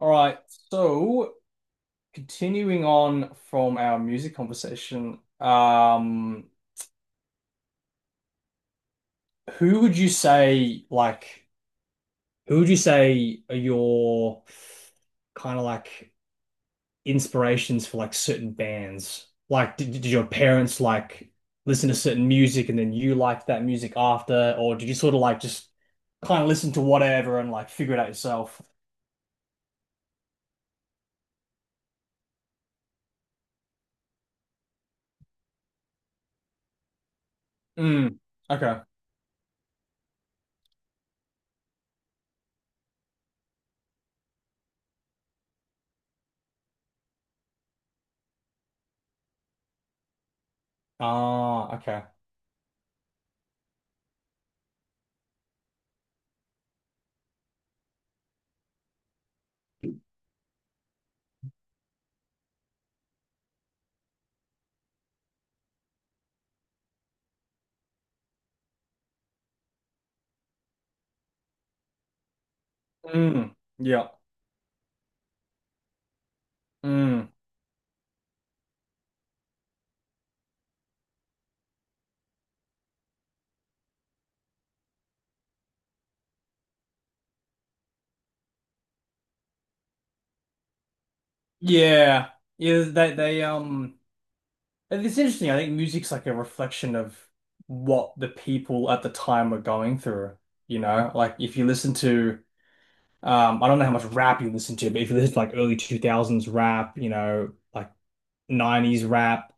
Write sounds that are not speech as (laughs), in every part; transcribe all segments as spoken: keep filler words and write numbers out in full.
All right, so continuing on from our music conversation, um, who would you say like who would you say are your kind of like inspirations for like certain bands? Like, did, did your parents like listen to certain music and then you liked that music after, or did you sort of like just kind of listen to whatever and like figure it out yourself? Mm, okay. Ah, okay. Mm, yeah. Mm. Yeah. Yeah, they they um it's interesting. I think music's like a reflection of what the people at the time were going through, you know? Like if you listen to um I don't know how much rap you listen to, but if you listen to like early two thousands rap, you know, like nineties rap,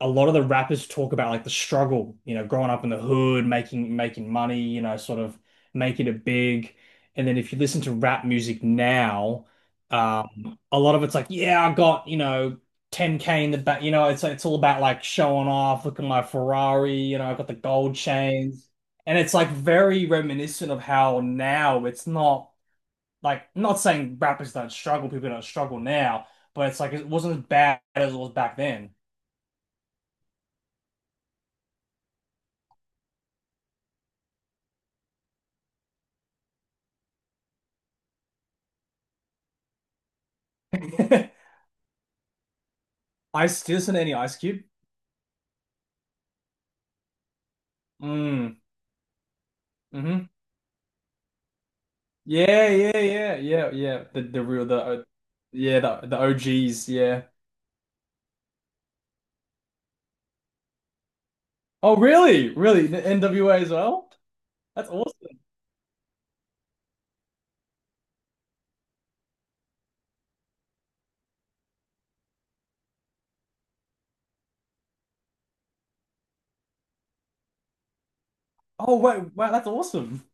a lot of the rappers talk about like the struggle, you know, growing up in the hood, making making money, you know, sort of making it big. And then if you listen to rap music now, um, a lot of it's like, yeah, I got, you know, ten k in the back, you know, it's it's all about like showing off, look at my Ferrari, you know, I got the gold chains. And it's like very reminiscent of how now it's not like, not saying rappers don't struggle, people don't struggle now, but it's like it wasn't as bad as it was back then. (laughs) Ice Steelson, any Ice Cube? Mm. Mm-hmm. Yeah, yeah, yeah, yeah, yeah. The the real the uh, Yeah, the the O Gs. Yeah. Oh, really? Really? The N W A as well? That's awesome. Oh, wait, wow, that's awesome.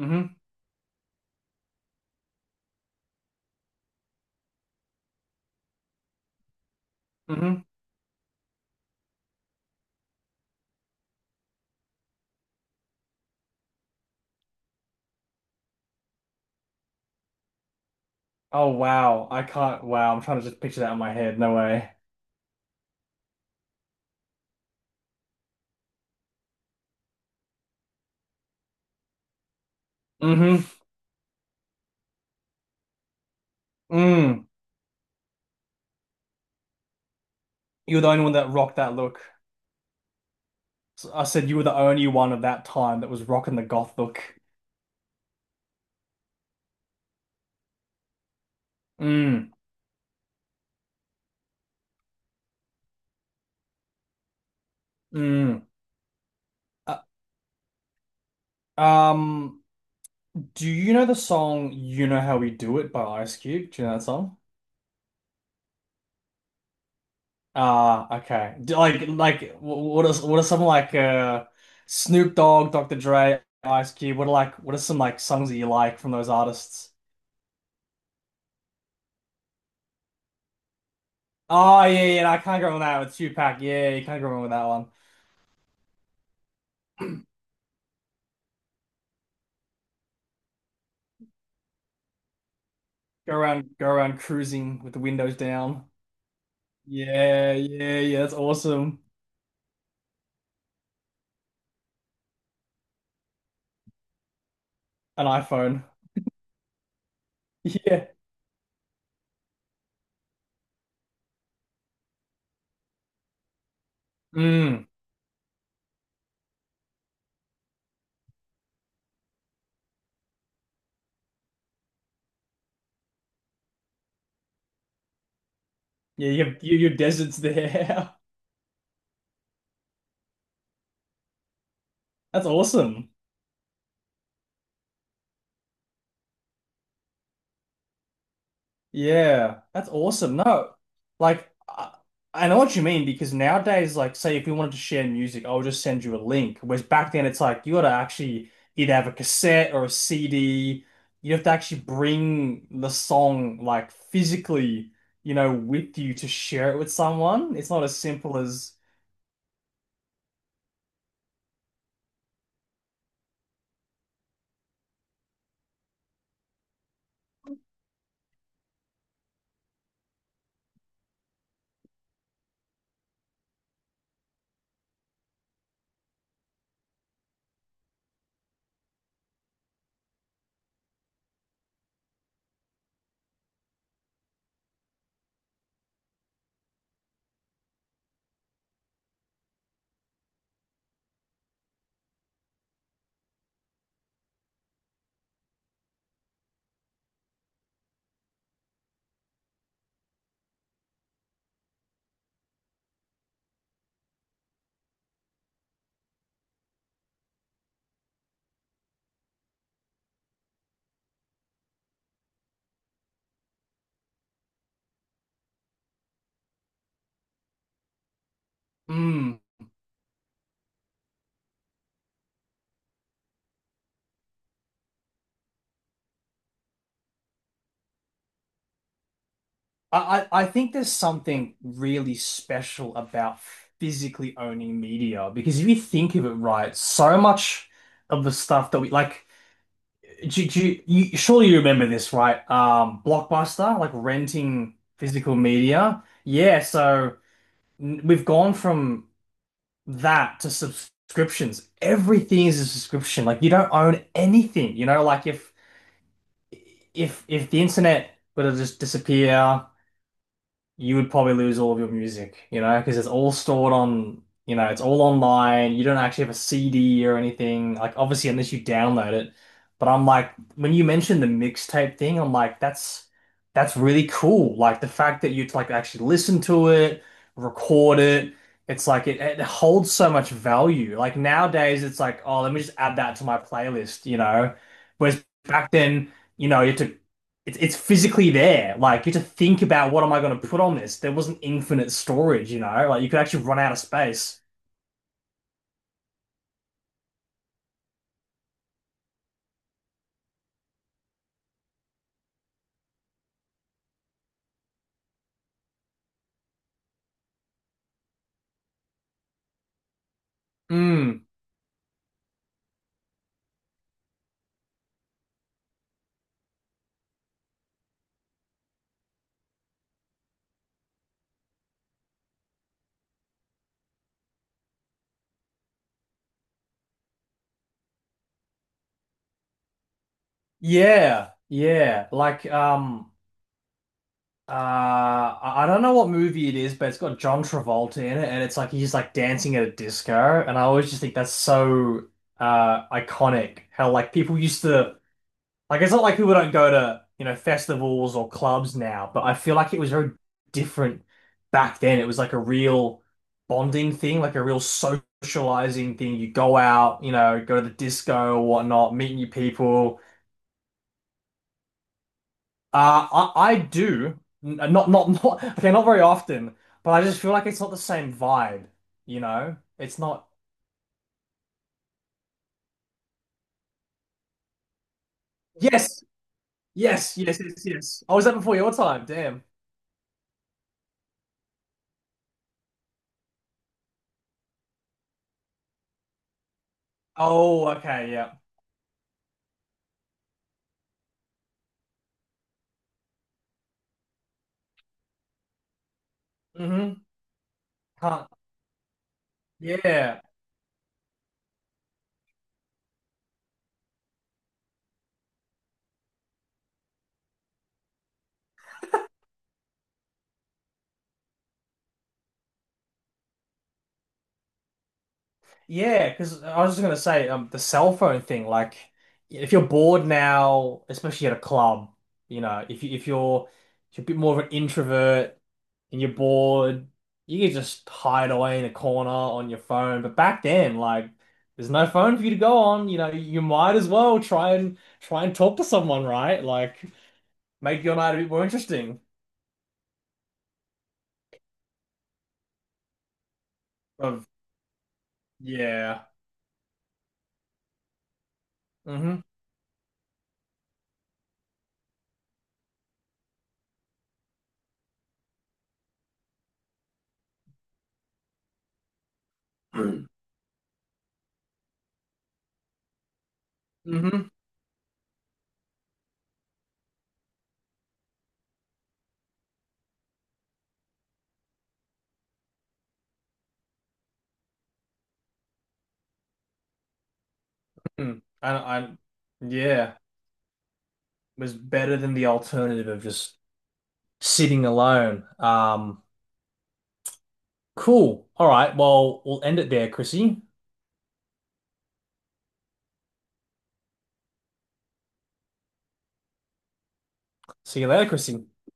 Mm-hmm. Mm-hmm. Oh, wow. I can't. Wow, I'm trying to just picture that in my head. No way. Mm-hmm. Mm. You were the only one that rocked that look. S- I said you were the only one of that time that was rocking the goth look. Mm. Mm. Uh, um. Do you know the song "You Know How We Do It" by Ice Cube? Do you know that song? Ah, okay. Do- like, like, wh- what is, what are some like uh Snoop Dogg, doctor Dre, Ice Cube? What are like, what are some like songs that you like from those artists? Oh yeah, yeah, yeah, no, I can't go wrong with that, with Tupac. Yeah, yeah, you can't go wrong with that one. Go around, go around cruising with the windows down. Yeah, yeah, yeah. That's awesome. An iPhone. (laughs) Yeah. Mm. Yeah, you have you, your desert's there. (laughs) That's awesome. Yeah, that's awesome. No, like I, I know what you mean because nowadays, like, say if we wanted to share music, I would just send you a link. Whereas back then, it's like you got to actually either have a cassette or a C D. You have to actually bring the song like physically, you know, with you to share it with someone. It's not as simple as. Mm, I, I I think there's something really special about physically owning media because if you think of it, right, so much of the stuff that we like, do, do, you surely you remember this, right? Um, Blockbuster, like renting physical media. Yeah, so n- we've gone from that to subscriptions. Everything is a subscription. Like you don't own anything, you know, like if if if the internet were to just disappear, you would probably lose all of your music, you know, because it's all stored on, you know, it's all online. You don't actually have a C D or anything. Like, obviously, unless you download it. But I'm like, when you mentioned the mixtape thing, I'm like, that's that's really cool. Like the fact that you'd like actually listen to it, record it. It's like it, it holds so much value. Like nowadays, it's like, oh, let me just add that to my playlist, you know. Whereas back then, you know, you had to it's it's physically there. Like you have to think about what am I going to put on this. There wasn't infinite storage, you know. Like you could actually run out of space. Mm, yeah, yeah. Like um, uh, I I don't know what movie it is, but it's got John Travolta in it, and it's like he's like dancing at a disco, and I always just think that's so uh iconic. How like people used to. Like it's not like people don't go to, you know, festivals or clubs now, but I feel like it was very different back then. It was like a real bonding thing, like a real socializing thing. You go out, you know, go to the disco or whatnot, meet new people. Uh, I I do n- uh, not not (laughs) not, okay, not very often, but I just feel like it's not the same vibe, you know? It's not. Yes, yes, yes, yes, yes. I was, that before your time. Damn. Oh, okay, yeah. Mm-hmm. Can't. Yeah. Yeah, because I was just gonna say, um, the cell phone thing. Like, if you're bored now, especially at a club, you know, if you if you're if you're a bit more of an introvert and you're bored, you can just hide away in a corner on your phone. But back then, like, there's no phone for you to go on. You know, you might as well try and try and talk to someone, right? Like, make your night a bit more interesting. Of yeah, mm-hmm, mm-hmm, (clears throat) I, I, yeah, was better than the alternative of just sitting alone. Um, cool. All right. Well, we'll end it there, Chrissy. See you later, Chrissy.